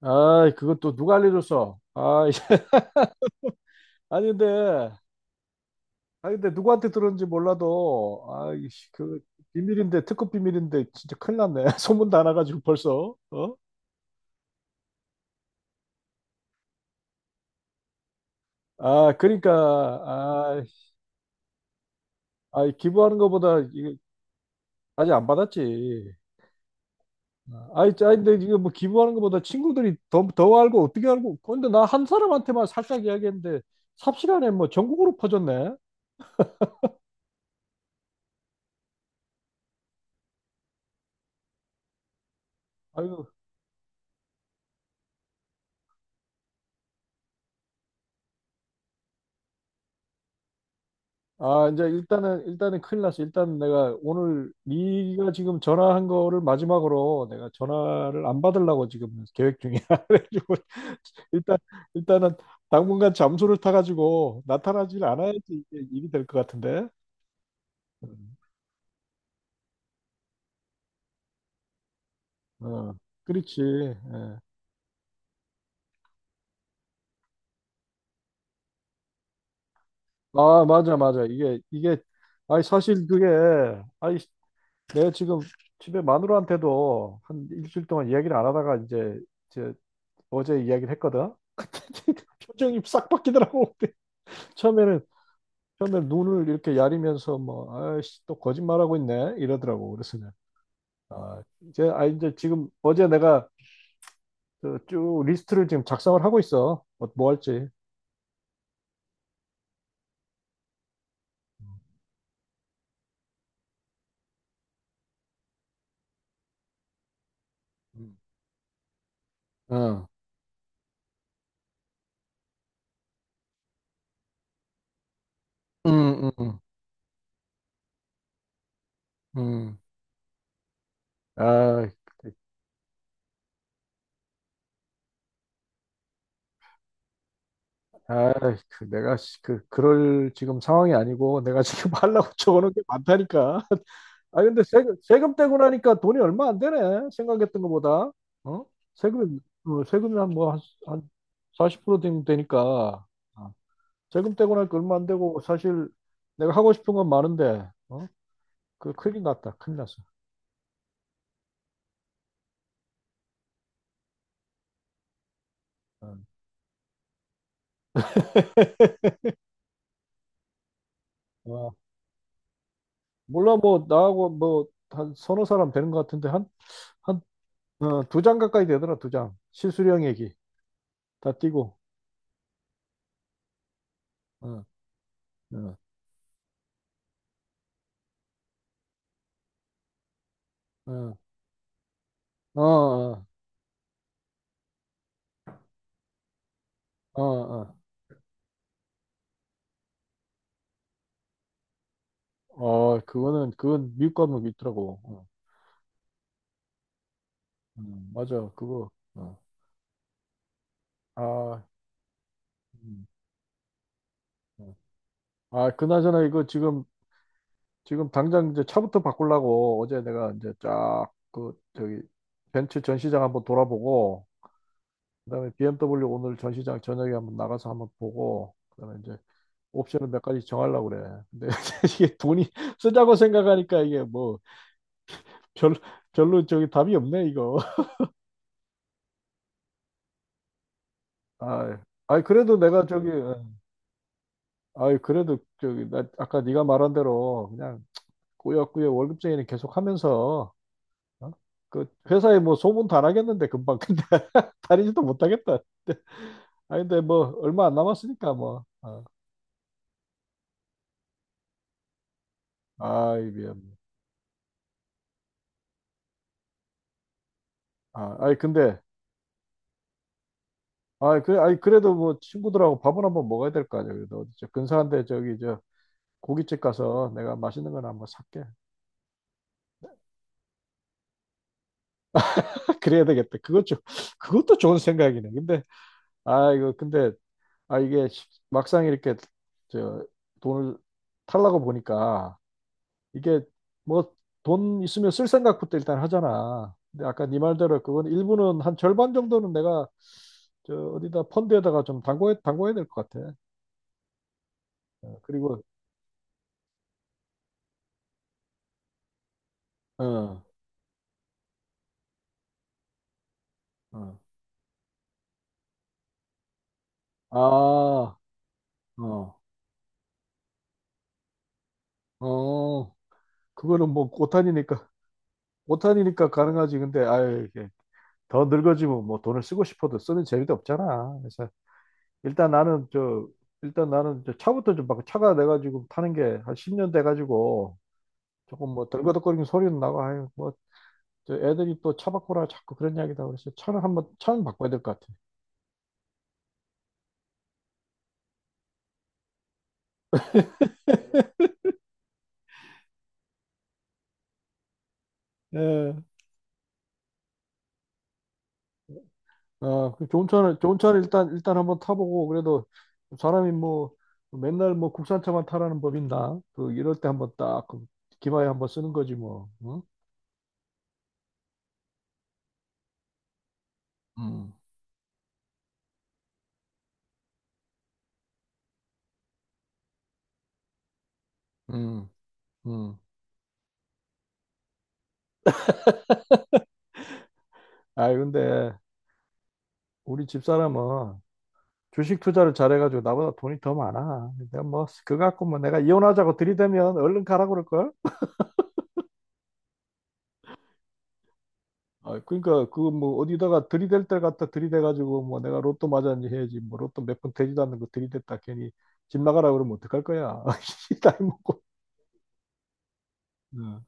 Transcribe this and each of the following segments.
아, 그것도 누가 알려줬어? 아, 이 아니 근데 아니 근데 누구한테 들었는지 몰라도, 아, 이씨, 그 비밀인데, 특급 비밀인데, 진짜 큰일 났네. 소문 다 나가지고 벌써. 어? 아, 그러니까. 아, 아 기부하는 것보다 이거 아직 안 받았지. 아이, 아 근데 이거 뭐 기부하는 것보다 친구들이 더 알고, 어떻게 알고? 근데 나 한 사람한테만 살짝 이야기했는데 삽시간에 뭐 전국으로 퍼졌네. 아유, 아, 이제 일단은 큰일 났어. 일단 내가 오늘 네가 지금 전화한 거를 마지막으로 내가 전화를 안 받으려고 지금 계획 중이야. 그래가지고 일단, 일단은 당분간 잠수를 타가지고 나타나질 않아야지 이게 일이 될 것 같은데. 음, 어, 그렇지. 예. 아, 맞아, 맞아. 아니, 사실 그게, 아니, 내가 지금 집에 마누라한테도 한 일주일 동안 이야기를 안 하다가 이제 어제 이야기를 했거든. 표정이 싹 바뀌더라고. 처음에는 처음에 눈을 이렇게 야리면서 뭐 아이씨 또 거짓말하고 있네 이러더라고. 그래서 그아 이제 지금 어제 내가 그쭉 리스트를 지금 작성을 하고 있어. 뭐 할지. 응. 음, 음, 음. 음. 아, 아, 그 내가 씨, 그 그럴 지금 상황이 아니고, 내가 지금 하려고 적어놓은 게 많다니까. 아 근데 세금 떼고 나니까 돈이 얼마 안 되네, 생각했던 것보다. 어, 세금. 어, 세금이 한뭐한한40% 되면 되니까. 어, 세금 떼고 나니까 얼마 안 되고, 사실 내가 하고 싶은 건 많은데. 어그 큰일 났다, 큰일 났어. 어, 어, 몰라. 뭐 나하고 뭐 한 서너 사람 되는 것 같은데. 한. 한. 어, 두 장 가까이 되더라. 두 장 실수령, 얘기 다 띄고. 어, 어, 어, 어, 어, 어, 어, 그거는 그건 미국 가면 있더라고. 어. 맞아, 그거. 어. 아, 음, 어. 아, 그나저나 이거 지금 지금 당장 이제 차부터 바꾸려고 어제 내가 이제 쫙 그 저기 벤츠 전시장 한번 돌아보고, 그다음에 BMW 오늘 전시장 저녁에 한번 나가서 한번 보고, 그다음에 이제 옵션을 몇 가지 정하려고 그래. 근데 이게 돈이 쓰자고 생각하니까 이게 뭐 별, 별로 저기 답이 없네 이거. 아, 아이. 아이, 그래도 내가 저기 어, 아이 그래도 저기 나 아까 네가 말한 대로 그냥 꾸역꾸역 월급쟁이는 계속 하면서. 어? 그 회사에 뭐 소문도 안 하겠는데 금방, 근데 다니지도 못하겠다. 근데, 아 근데 뭐 얼마 안 남았으니까 뭐. 어. 아이 미안. 아 아이 근데 아 그래 아이 그래도 뭐 친구들하고 밥은 한번 먹어야 될 거 아니야. 그래도 어디 저 근사한데 저기 저 고깃집 가서 내가 맛있는 거나 한번 살게. 그래야 되겠다. 그것 좀. 그것도 좋은 생각이네. 근데 아 이거 근데 아 이게 막상 이렇게 저 돈을 탈라고 보니까 이게 뭐 돈 있으면 쓸 생각부터 일단 하잖아. 근데 아까 네 말대로 그건 일부는 한 절반 정도는 내가 저 어디다 펀드에다가 좀 담궈야 될 것 같아. 어, 그리고 어, 어. 아, 어, 어, 그거는 뭐 오탄이니까. 오탄이니까 가능하지. 근데 아유 이게 더 늙어지면 뭐 돈을 쓰고 싶어도 쓰는 재미도 없잖아. 그래서 일단 나는 저 일단 나는 저 차부터 좀 바꿔. 차가 내가 지금 타는 게 한 10년 돼 가지고 조금 뭐 덜거덕거리는 소리는 나고, 아유 뭐저 애들이 또 차 바꾸라 자꾸 그런 이야기다. 그래서 차를 한번, 차는 바꿔야 될 것 같아. 예, 어, 그 좋은 차를 일단 한번 타보고. 그래도 사람이 뭐 맨날 뭐 국산차만 타라는 법인다그 이럴 때 한번 딱그 기마에 한번 쓰는 거지 뭐. 응? 음, 음, 음. 아 근데 우리 집사람은 주식 투자를 잘해가지고 나보다 돈이 더 많아. 근데 뭐 그거 갖고 뭐 내가 이혼하자고 들이대면 얼른 가라 그럴걸? 아, 그러니까 그 뭐 어디다가 들이댈 때 갖다 들이대가지고 뭐 내가 로또 맞았니 해야지. 뭐 로또 몇 번 되지도 않는 거 들이댔다 괜히 집 나가라 그러면 어떡할 거야. 이 나이 먹고. 어,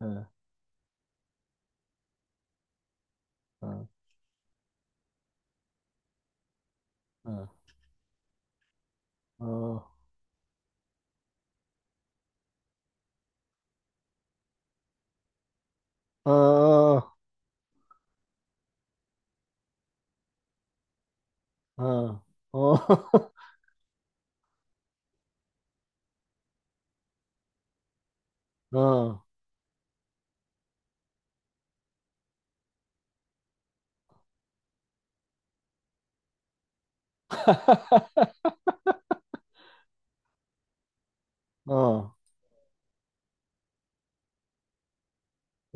어, 어, 어, 어, 어, 어, 어, 어, 어.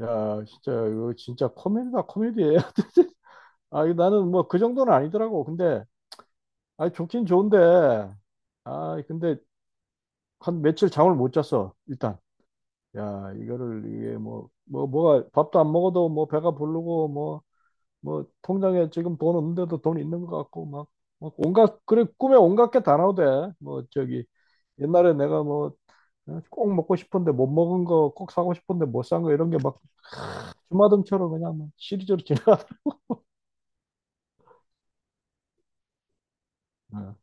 야 진짜 이거 진짜 코미디다, 코미디예요. 아 이거 나는 뭐 그 정도는 아니더라고. 근데 아 좋긴 좋은데, 아 근데 한 며칠 잠을 못 잤어 일단. 야, 이거를 이게 뭐가 밥도 안 먹어도 뭐 배가 부르고, 뭐 뭐 통장에 지금 돈 없는데도 돈 있는 것 같고 막, 막 온갖, 그래, 꿈에 온갖 게 다 나오대. 뭐 저기 옛날에 내가 뭐 어, 꼭 먹고 싶은데 못 먹은 거, 꼭 사고 싶은데 못 산 거 이런 게 막 주마등처럼 그냥 막 시리즈로 지나가. 어,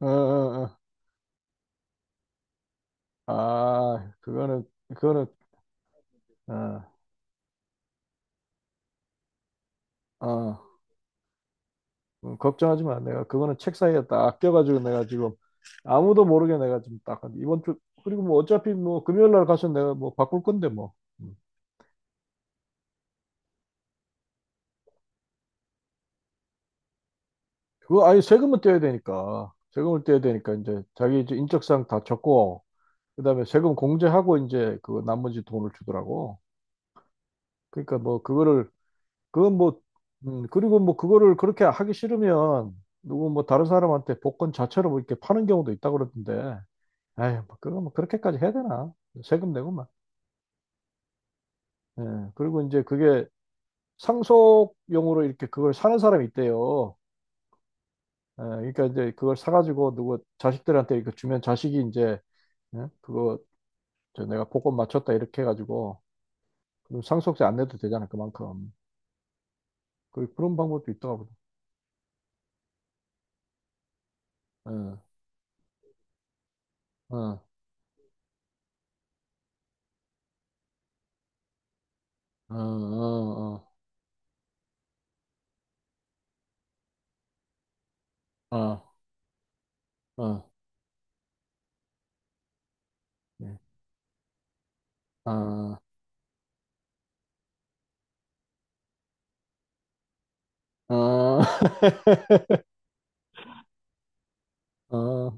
어, 어. 어. 아, 그거는, 어, 어. 걱정하지 마. 내가 그거는 책 사이에 딱 껴가지고 내가 지금 아무도 모르게 내가 지금 딱 한 이번 주. 그리고 뭐 어차피 뭐 금요일 날 가서 내가 뭐 바꿀 건데 뭐. 음. 그거 아니 세금은 떼야 되니까, 이제 자기 이제 인적사항 다 적고 그다음에 세금 공제하고 이제 그 나머지 돈을 주더라고. 그러니까 뭐 그거를 그건 뭐. 그리고 뭐 그거를 그렇게 하기 싫으면 누구 뭐 다른 사람한테 복권 자체로 뭐 이렇게 파는 경우도 있다고 그러던데. 에이, 뭐 그거 뭐 그렇게까지 해야 되나? 세금 내고 만. 예, 그리고 이제 그게 상속용으로 이렇게 그걸 사는 사람이 있대요. 예, 그러니까 이제 그걸 사가지고 누구 자식들한테 이렇게 주면 자식이 이제 예, 그거 저 내가 복권 맞췄다 이렇게 해가지고 그럼 상속세 안 내도 되잖아 그만큼. 그런 방법도 있더라고요. 예, 어, 어, 어, 어, 어, 어, 예, 어, 어, 어,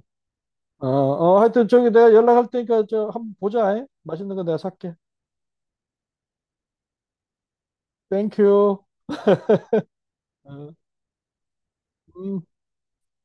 어, 어, 하여튼 저기 내가 연락할 테니까 저 한번 보자. 예? 맛있는 거 내가 살게. 땡큐. 어, 음.